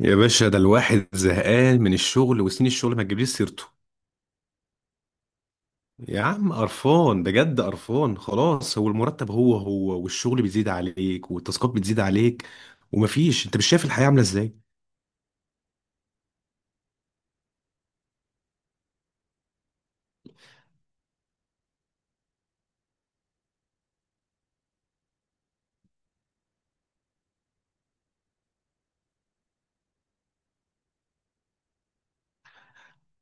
يا باشا، ده الواحد زهقان من الشغل وسنين الشغل ما تجيبليش سيرته. يا عم قرفان بجد قرفان خلاص، هو المرتب هو هو والشغل بيزيد عليك والتاسكات بتزيد عليك ومفيش. انت مش شايف الحياة عاملة ازاي؟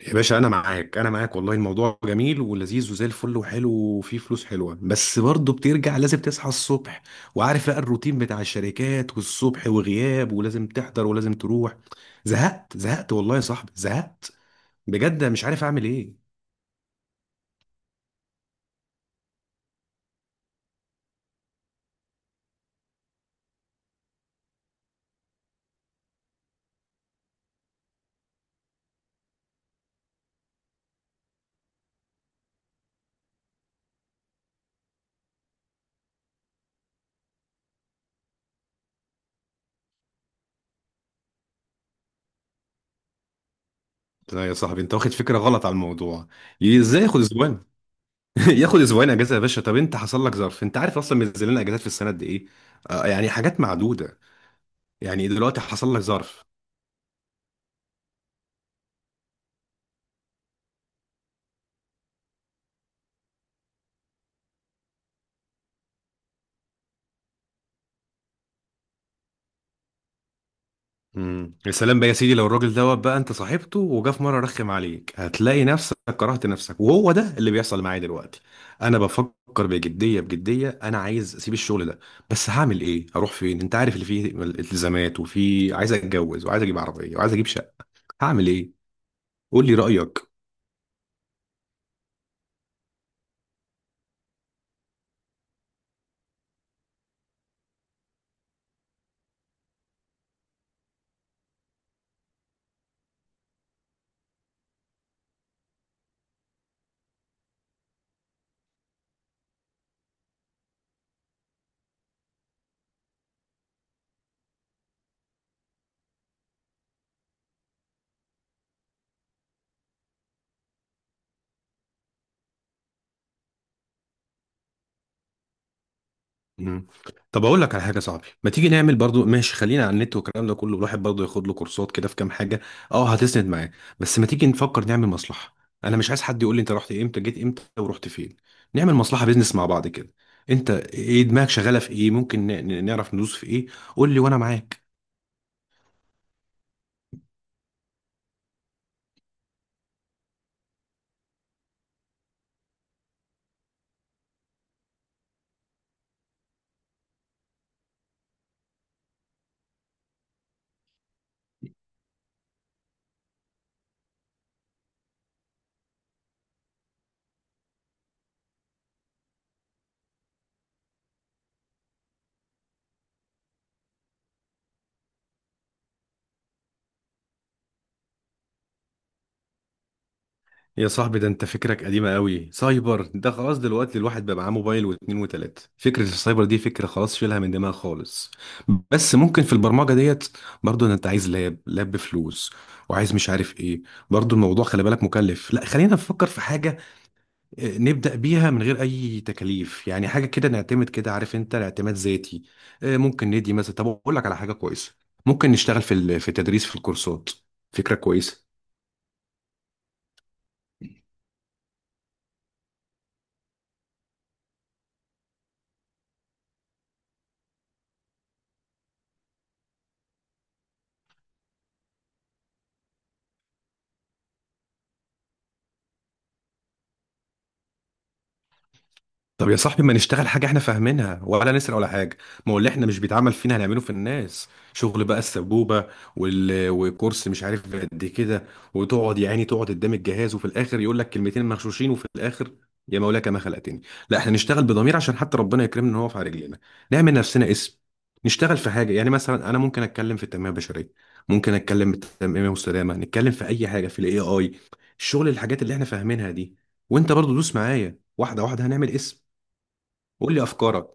يا باشا انا معاك انا معاك، والله الموضوع جميل ولذيذ وزي الفل وحلو وفيه فلوس حلوة، بس برضه بترجع لازم تصحى الصبح وعارف بقى الروتين بتاع الشركات والصبح وغياب ولازم تحضر ولازم تروح. زهقت زهقت والله يا صاحبي زهقت. بجد مش عارف اعمل ايه. لا يا صاحبي، انت واخد فكره غلط على الموضوع. ازاي ياخد اسبوعين؟ ياخد اسبوعين اجازه؟ يا باشا طب انت حصل لك ظرف؟ انت عارف اصلا منزل لنا اجازات في السنه قد ايه؟ آه يعني حاجات معدوده. يعني دلوقتي حصل لك ظرف؟ يا سلام بقى يا سيدي، لو الراجل دوت بقى انت صاحبته وجا في مره رخم عليك، هتلاقي نفسك كرهت نفسك، وهو ده اللي بيحصل معايا دلوقتي. انا بفكر بجديه بجديه، انا عايز اسيب الشغل ده. بس هعمل ايه؟ هروح فين؟ انت عارف اللي فيه التزامات وفي عايز اتجوز وعايز اجيب عربيه وعايز اجيب شقه. هعمل ايه؟ قول لي رايك. مم. طب اقول لك على حاجه يا صاحبي، ما تيجي نعمل برضو ماشي، خلينا على النت والكلام ده كله، الواحد برضو ياخد له كورسات كده في كام حاجه. اه هتسند معاه. بس ما تيجي نفكر نعمل مصلحه؟ انا مش عايز حد يقول لي انت رحت امتى جيت امتى ورحت فين. نعمل مصلحه بيزنس مع بعض كده. انت ايه دماغك شغاله في ايه؟ ممكن نعرف ندوس في ايه. قول لي وانا معاك. يا صاحبي ده انت فكرك قديمة قوي، سايبر ده خلاص، دلوقتي الواحد بقى معاه موبايل واتنين وتلاتة. فكرة السايبر دي فكرة خلاص شيلها من دماغ خالص. بس ممكن في البرمجة ديت، برضو ان انت عايز لاب لاب بفلوس، وعايز مش عارف ايه. برضو الموضوع خلي بالك مكلف. لا خلينا نفكر في حاجة اه، نبدأ بيها من غير اي تكاليف، يعني حاجة كده نعتمد كده، عارف انت اعتماد ذاتي. اه، ممكن ندي مثلا، طب اقول لك على حاجة كويسة، ممكن نشتغل في في التدريس في الكورسات. فكرة كويسة. طب يا صاحبي، ما نشتغل حاجة احنا فاهمينها ولا نسرق ولا حاجة. ما هو اللي احنا مش بيتعمل فينا هنعمله في الناس، شغل بقى السبوبة. وكورس مش عارف قد كده، وتقعد يا عيني تقعد قدام الجهاز وفي الآخر يقول لك كلمتين مغشوشين، وفي الآخر يا مولاك ما خلقتني. لا، احنا نشتغل بضمير عشان حتى ربنا يكرمنا، ان هو في على رجلينا. نعمل نفسنا اسم. نشتغل في حاجة، يعني مثلا انا ممكن اتكلم في التنمية البشرية، ممكن اتكلم في التنمية المستدامة، نتكلم في اي حاجة في الاي اي. الشغل، الحاجات اللي احنا فاهمينها دي. وانت برضو دوس معايا واحدة واحدة، هنعمل اسم. قول لي افكارك.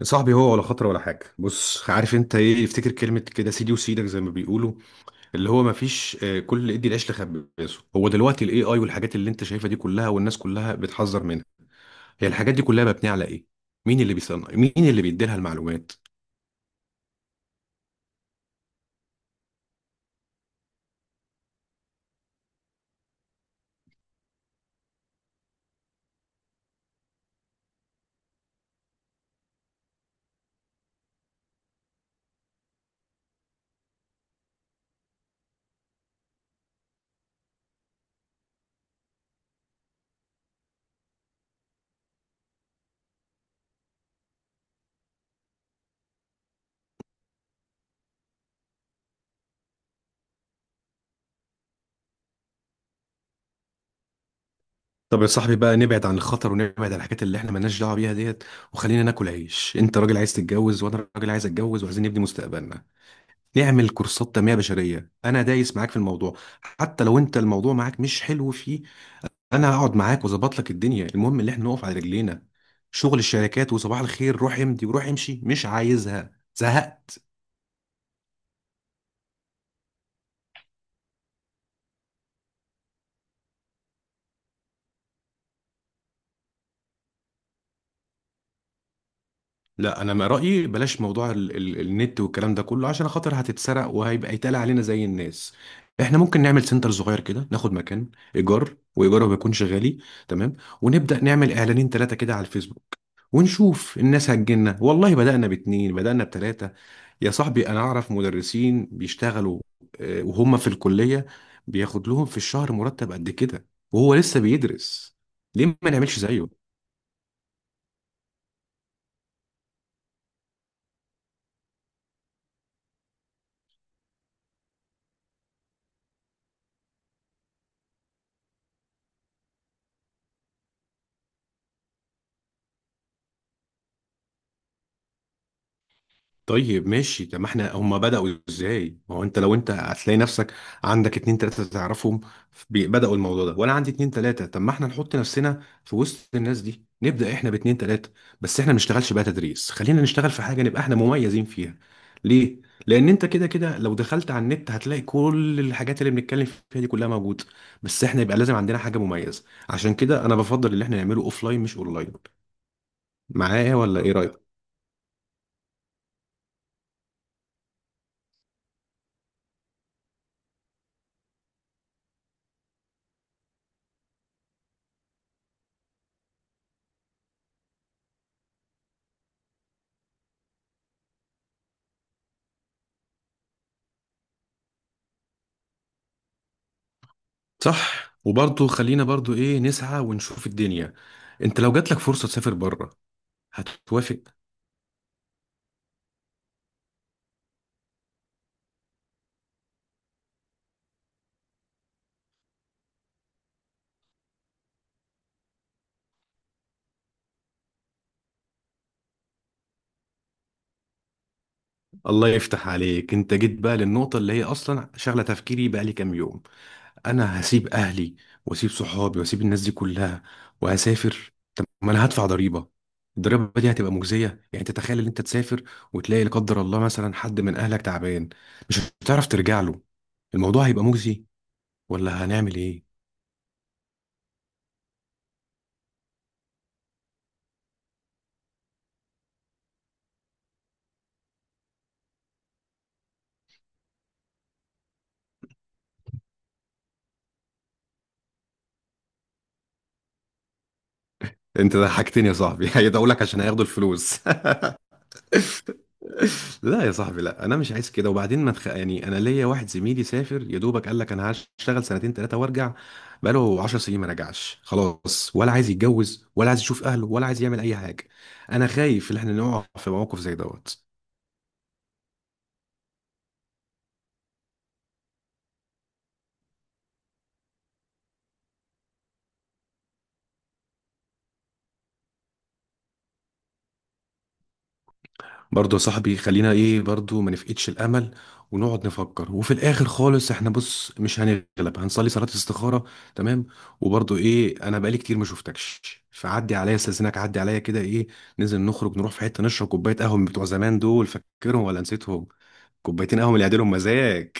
يا صاحبي هو ولا خطر ولا حاجه. بص عارف انت ايه؟ افتكر كلمه كده، سيدي وسيدك زي ما بيقولوا، اللي هو ما فيش. كل ادي العيش لخبازه. هو دلوقتي الاي اي والحاجات اللي انت شايفها دي كلها والناس كلها بتحذر منها، هي الحاجات دي كلها مبنيه على ايه؟ مين اللي بيصنع؟ مين اللي بيديلها المعلومات؟ طب يا صاحبي بقى نبعد عن الخطر ونبعد عن الحاجات اللي احنا مالناش دعوه بيها ديت، وخلينا ناكل عيش. انت راجل عايز تتجوز وانا راجل عايز اتجوز، وعايزين نبني مستقبلنا. نعمل كورسات تنميه بشريه، انا دايس معاك في الموضوع. حتى لو انت الموضوع معاك مش حلو فيه، انا هقعد معاك واظبط لك الدنيا. المهم ان احنا نقف على رجلينا. شغل الشركات وصباح الخير روح امضي وروح امشي مش عايزها، زهقت. لا انا ما رايي، بلاش موضوع ال النت والكلام ده كله عشان خاطر هتتسرق وهيبقى يتقال علينا زي الناس. احنا ممكن نعمل سنتر صغير كده، ناخد مكان ايجار وايجاره بيكونش غالي. تمام. ونبدا نعمل اعلانين ثلاثه كده على الفيسبوك ونشوف الناس هتجيلنا. والله بدأنا باتنين، بدأنا بتلاتة. يا صاحبي أنا أعرف مدرسين بيشتغلوا وهم في الكلية، بياخد لهم في الشهر مرتب قد كده وهو لسه بيدرس. ليه ما نعملش زيه؟ طيب ماشي. طب ما احنا هم بدأوا ازاي؟ ما هو انت لو انت هتلاقي نفسك عندك اتنين تلاتة تعرفهم بدأوا الموضوع ده، وانا عندي اتنين تلاتة. طب ما احنا نحط نفسنا في وسط الناس دي، نبدأ احنا باتنين تلاتة. بس احنا ما نشتغلش بقى تدريس، خلينا نشتغل في حاجة نبقى احنا مميزين فيها. ليه؟ لأن انت كده كده لو دخلت على النت هتلاقي كل الحاجات اللي بنتكلم فيها دي كلها موجودة. بس احنا يبقى لازم عندنا حاجة مميزة. عشان كده انا بفضل اللي احنا نعمله اوفلاين مش اونلاين. معايا ولا ايه؟ صح. وبرضه خلينا برضه ايه، نسعى ونشوف الدنيا. انت لو جاتلك فرصة تسافر بره، هتوافق؟ الله يفتح عليك، انت جيت بقى للنقطة اللي هي اصلا شغلة تفكيري بقى لي كام يوم. انا هسيب اهلي واسيب صحابي واسيب الناس دي كلها وهسافر. طب ما انا هدفع ضريبة، الضريبة دي هتبقى مجزية؟ يعني تتخيل ان انت تسافر وتلاقي لا قدر الله مثلا حد من اهلك تعبان، مش هتعرف ترجع له. الموضوع هيبقى مجزي؟ ولا هنعمل ايه؟ انت ضحكتني يا صاحبي. هيدعوا لك عشان هياخدوا الفلوس. لا يا صاحبي لا، انا مش عايز كده. وبعدين ما تخ... يعني انا ليا واحد زميلي سافر يا دوبك، قال لك انا هشتغل سنتين ثلاثه وارجع، بقاله 10 سنين ما رجعش خلاص، ولا عايز يتجوز ولا عايز يشوف اهله ولا عايز يعمل اي حاجه. انا خايف ان احنا نقع في موقف زي دوت. برضه يا صاحبي خلينا ايه، برضه ما نفقدش الامل، ونقعد نفكر. وفي الاخر خالص احنا بص مش هنغلب، هنصلي صلاة الاستخارة. تمام. وبرضه ايه، انا بقالي كتير ما شفتكش، فعدي عليا. استاذنك عدي عليا كده، ايه ننزل نخرج نروح في حتة نشرب كوباية قهوة من بتوع زمان؟ دول فاكرهم ولا نسيتهم؟ كوبايتين قهوة من اللي يعدلهم مزاج.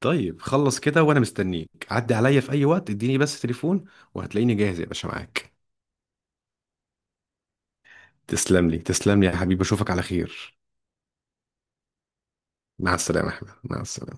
طيب خلص كده، وانا مستنيك عدي عليا في اي وقت، اديني بس تليفون وهتلاقيني جاهز يا باشا معاك. تسلم لي تسلم لي يا حبيبي، اشوفك على خير. مع السلامة يا احمد مع السلامة.